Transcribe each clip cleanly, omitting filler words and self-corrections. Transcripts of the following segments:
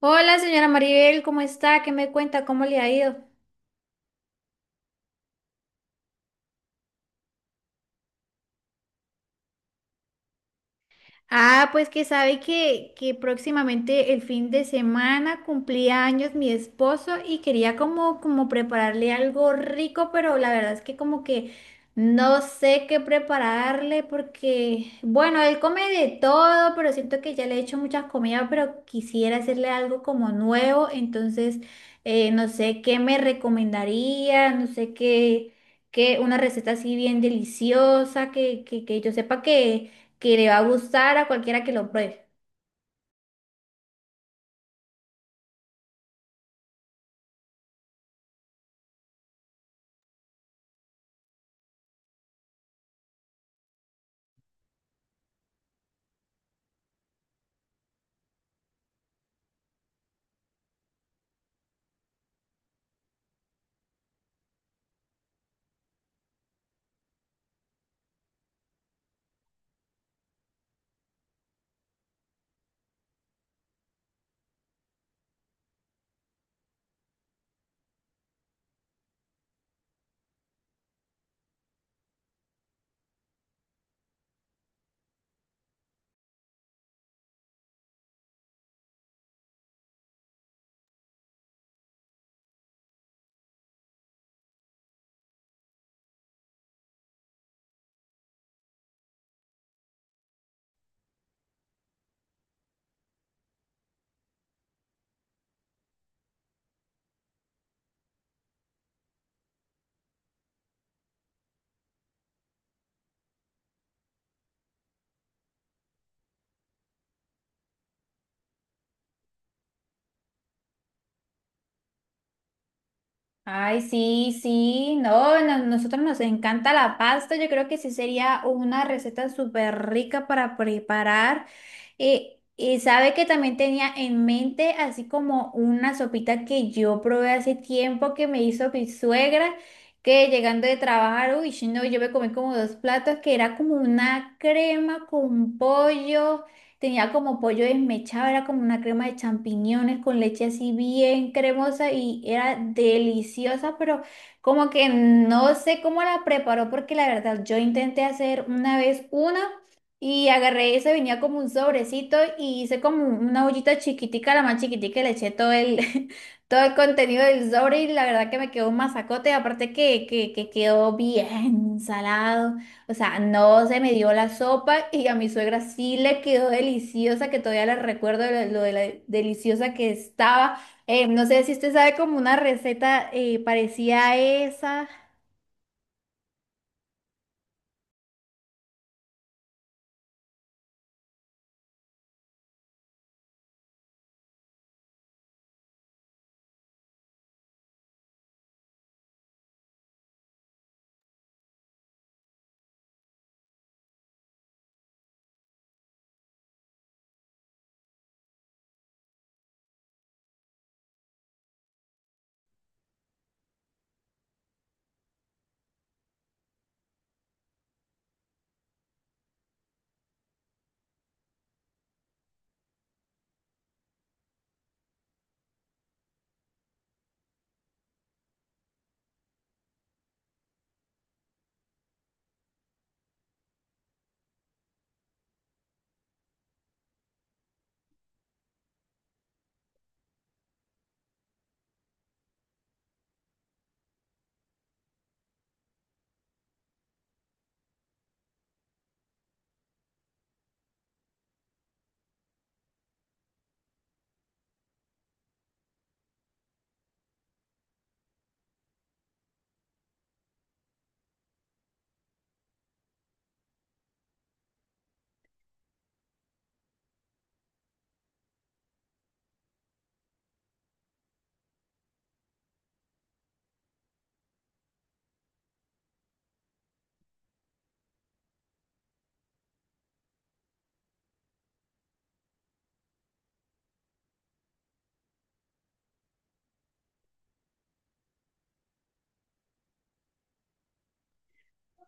Hola, señora Maribel, ¿cómo está? ¿Qué me cuenta? ¿Cómo le ha ido? Ah, pues que sabe que próximamente el fin de semana cumplía años mi esposo y quería como prepararle algo rico, pero la verdad es que como que no sé qué prepararle porque, bueno, él come de todo, pero siento que ya le he hecho muchas comidas, pero quisiera hacerle algo como nuevo, entonces no sé qué me recomendaría, no sé qué, una receta así bien deliciosa, que yo sepa que le va a gustar a cualquiera que lo pruebe. Ay, sí, sí, no, nosotros nos encanta la pasta, yo creo que sí sería una receta súper rica para preparar. Y sabe que también tenía en mente así como una sopita que yo probé hace tiempo que me hizo mi suegra, que llegando de trabajar, uy, no, yo me comí como dos platos, que era como una crema con pollo. Tenía como pollo desmechado, era como una crema de champiñones con leche así bien cremosa y era deliciosa, pero como que no sé cómo la preparó porque la verdad yo intenté hacer una vez una y agarré eso, venía como un sobrecito y hice como una ollita chiquitica, la más chiquitica, y le eché todo el, todo el contenido del sobre y la verdad que me quedó un masacote, aparte que quedó bien salado. O sea, no se me dio la sopa y a mi suegra sí le quedó deliciosa, que todavía la recuerdo lo de la deliciosa que estaba. No sé si usted sabe como una receta parecida a esa.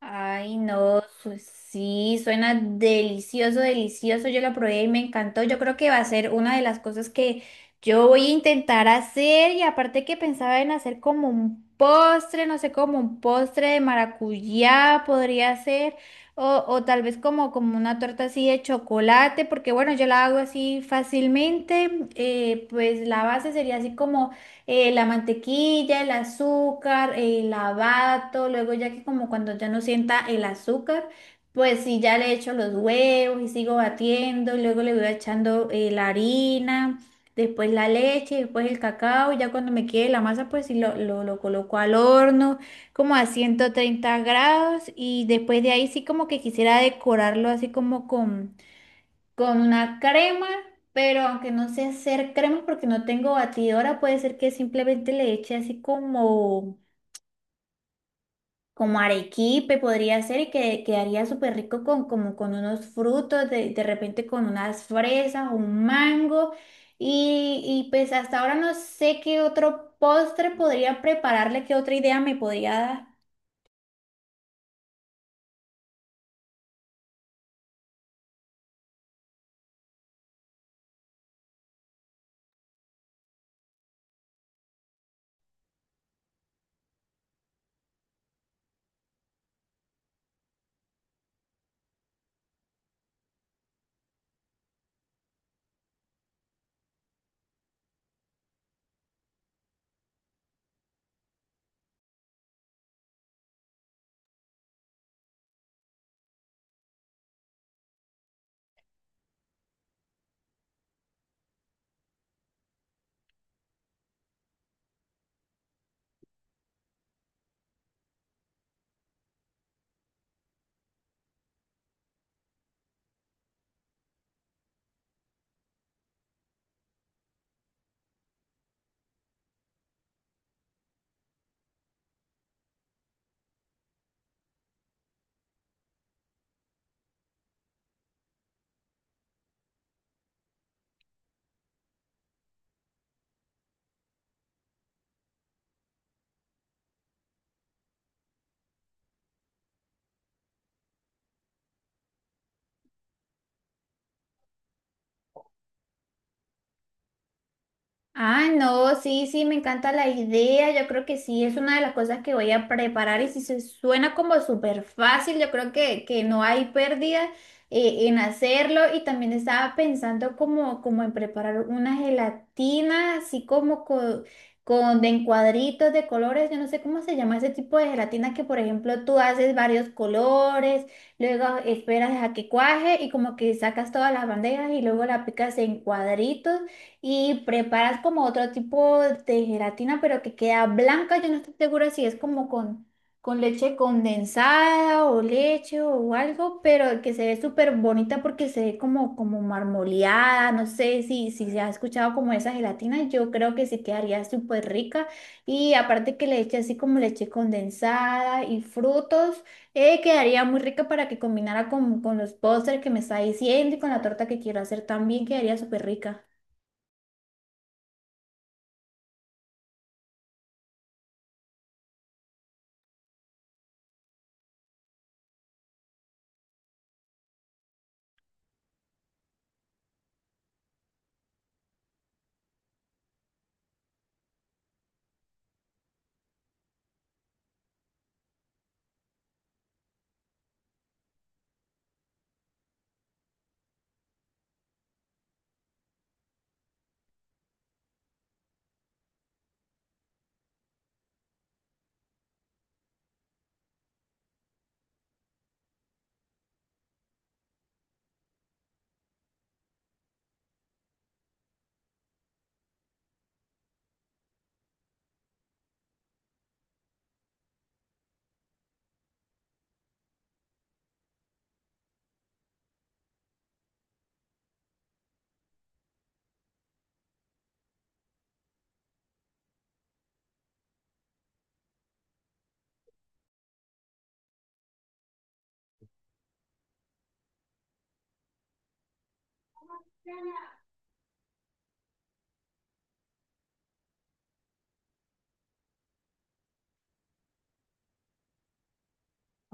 Ay, no, sí, suena delicioso, delicioso. Yo la probé y me encantó. Yo creo que va a ser una de las cosas que yo voy a intentar hacer. Y aparte que pensaba en hacer como un postre, no sé, como un postre de maracuyá podría ser. O tal vez como una torta así de chocolate, porque bueno, yo la hago así fácilmente. Pues la base sería así como la mantequilla, el azúcar, el lavato, luego ya que como cuando ya no sienta el azúcar, pues sí, ya le echo los huevos y sigo batiendo, y luego le voy echando la harina, después la leche, después el cacao, y ya cuando me quede la masa, pues sí lo coloco al horno como a 130 grados y después de ahí sí como que quisiera decorarlo así como con una crema, pero aunque no sé hacer crema porque no tengo batidora, puede ser que simplemente le eche así como arequipe, podría ser, y que quedaría súper rico con, como con unos frutos, de repente con unas fresas, un mango, y pues hasta ahora no sé qué otro postre podría prepararle, qué otra idea me podría dar. Ah, no, sí, sí, me encanta la idea. Yo creo que sí, es una de las cosas que voy a preparar y si se suena como súper fácil, yo creo que no hay pérdida en hacerlo. Y también estaba pensando como en preparar una gelatina, así con de en cuadritos de colores. Yo no sé cómo se llama ese tipo de gelatina que, por ejemplo, tú haces varios colores, luego esperas a que cuaje y como que sacas todas las bandejas y luego la picas en cuadritos y preparas como otro tipo de gelatina, pero que queda blanca. Yo no estoy segura si es con leche condensada o leche o algo, pero que se ve súper bonita porque se ve como, como marmoleada. No sé si, si se ha escuchado como esa gelatina. Yo creo que sí quedaría súper rica. Y aparte que le eche así como leche condensada y frutos, quedaría muy rica para que combinara con los postres que me está diciendo y con la torta que quiero hacer también quedaría súper rica.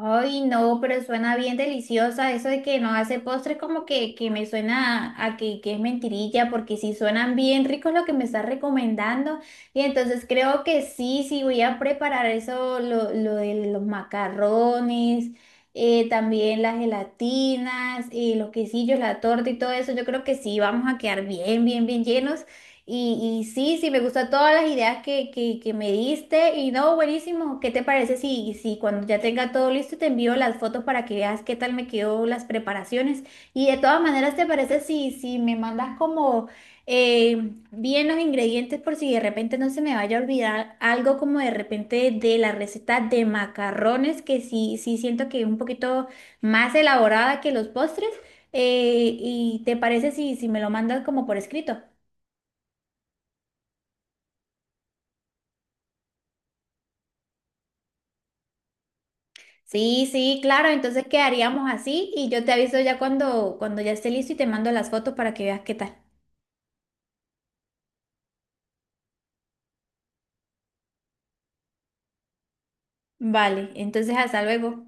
Ay, no, pero suena bien deliciosa. Eso de que no hace postres como que me suena a que es mentirilla, porque si suenan bien ricos lo que me estás recomendando. Y entonces creo que sí, sí voy a preparar eso, lo de los macarrones, también las gelatinas, los quesillos, la torta y todo eso. Yo creo que sí, vamos a quedar bien, bien, bien llenos. Y sí, sí, me gustan todas las ideas que me diste. Y no, buenísimo. ¿Qué te parece si, si cuando ya tenga todo listo te envío las fotos para que veas qué tal me quedó las preparaciones? Y de todas maneras, ¿te parece si, si me mandas como bien los ingredientes por si de repente no se me vaya a olvidar algo como de repente de la receta de macarrones, que sí, sí siento que es un poquito más elaborada que los postres? ¿Y te parece si, si me lo mandas como por escrito? Sí, sí, claro, entonces quedaríamos así y yo te aviso ya cuando, cuando ya esté listo y te mando las fotos para que veas qué tal. Vale, entonces hasta luego.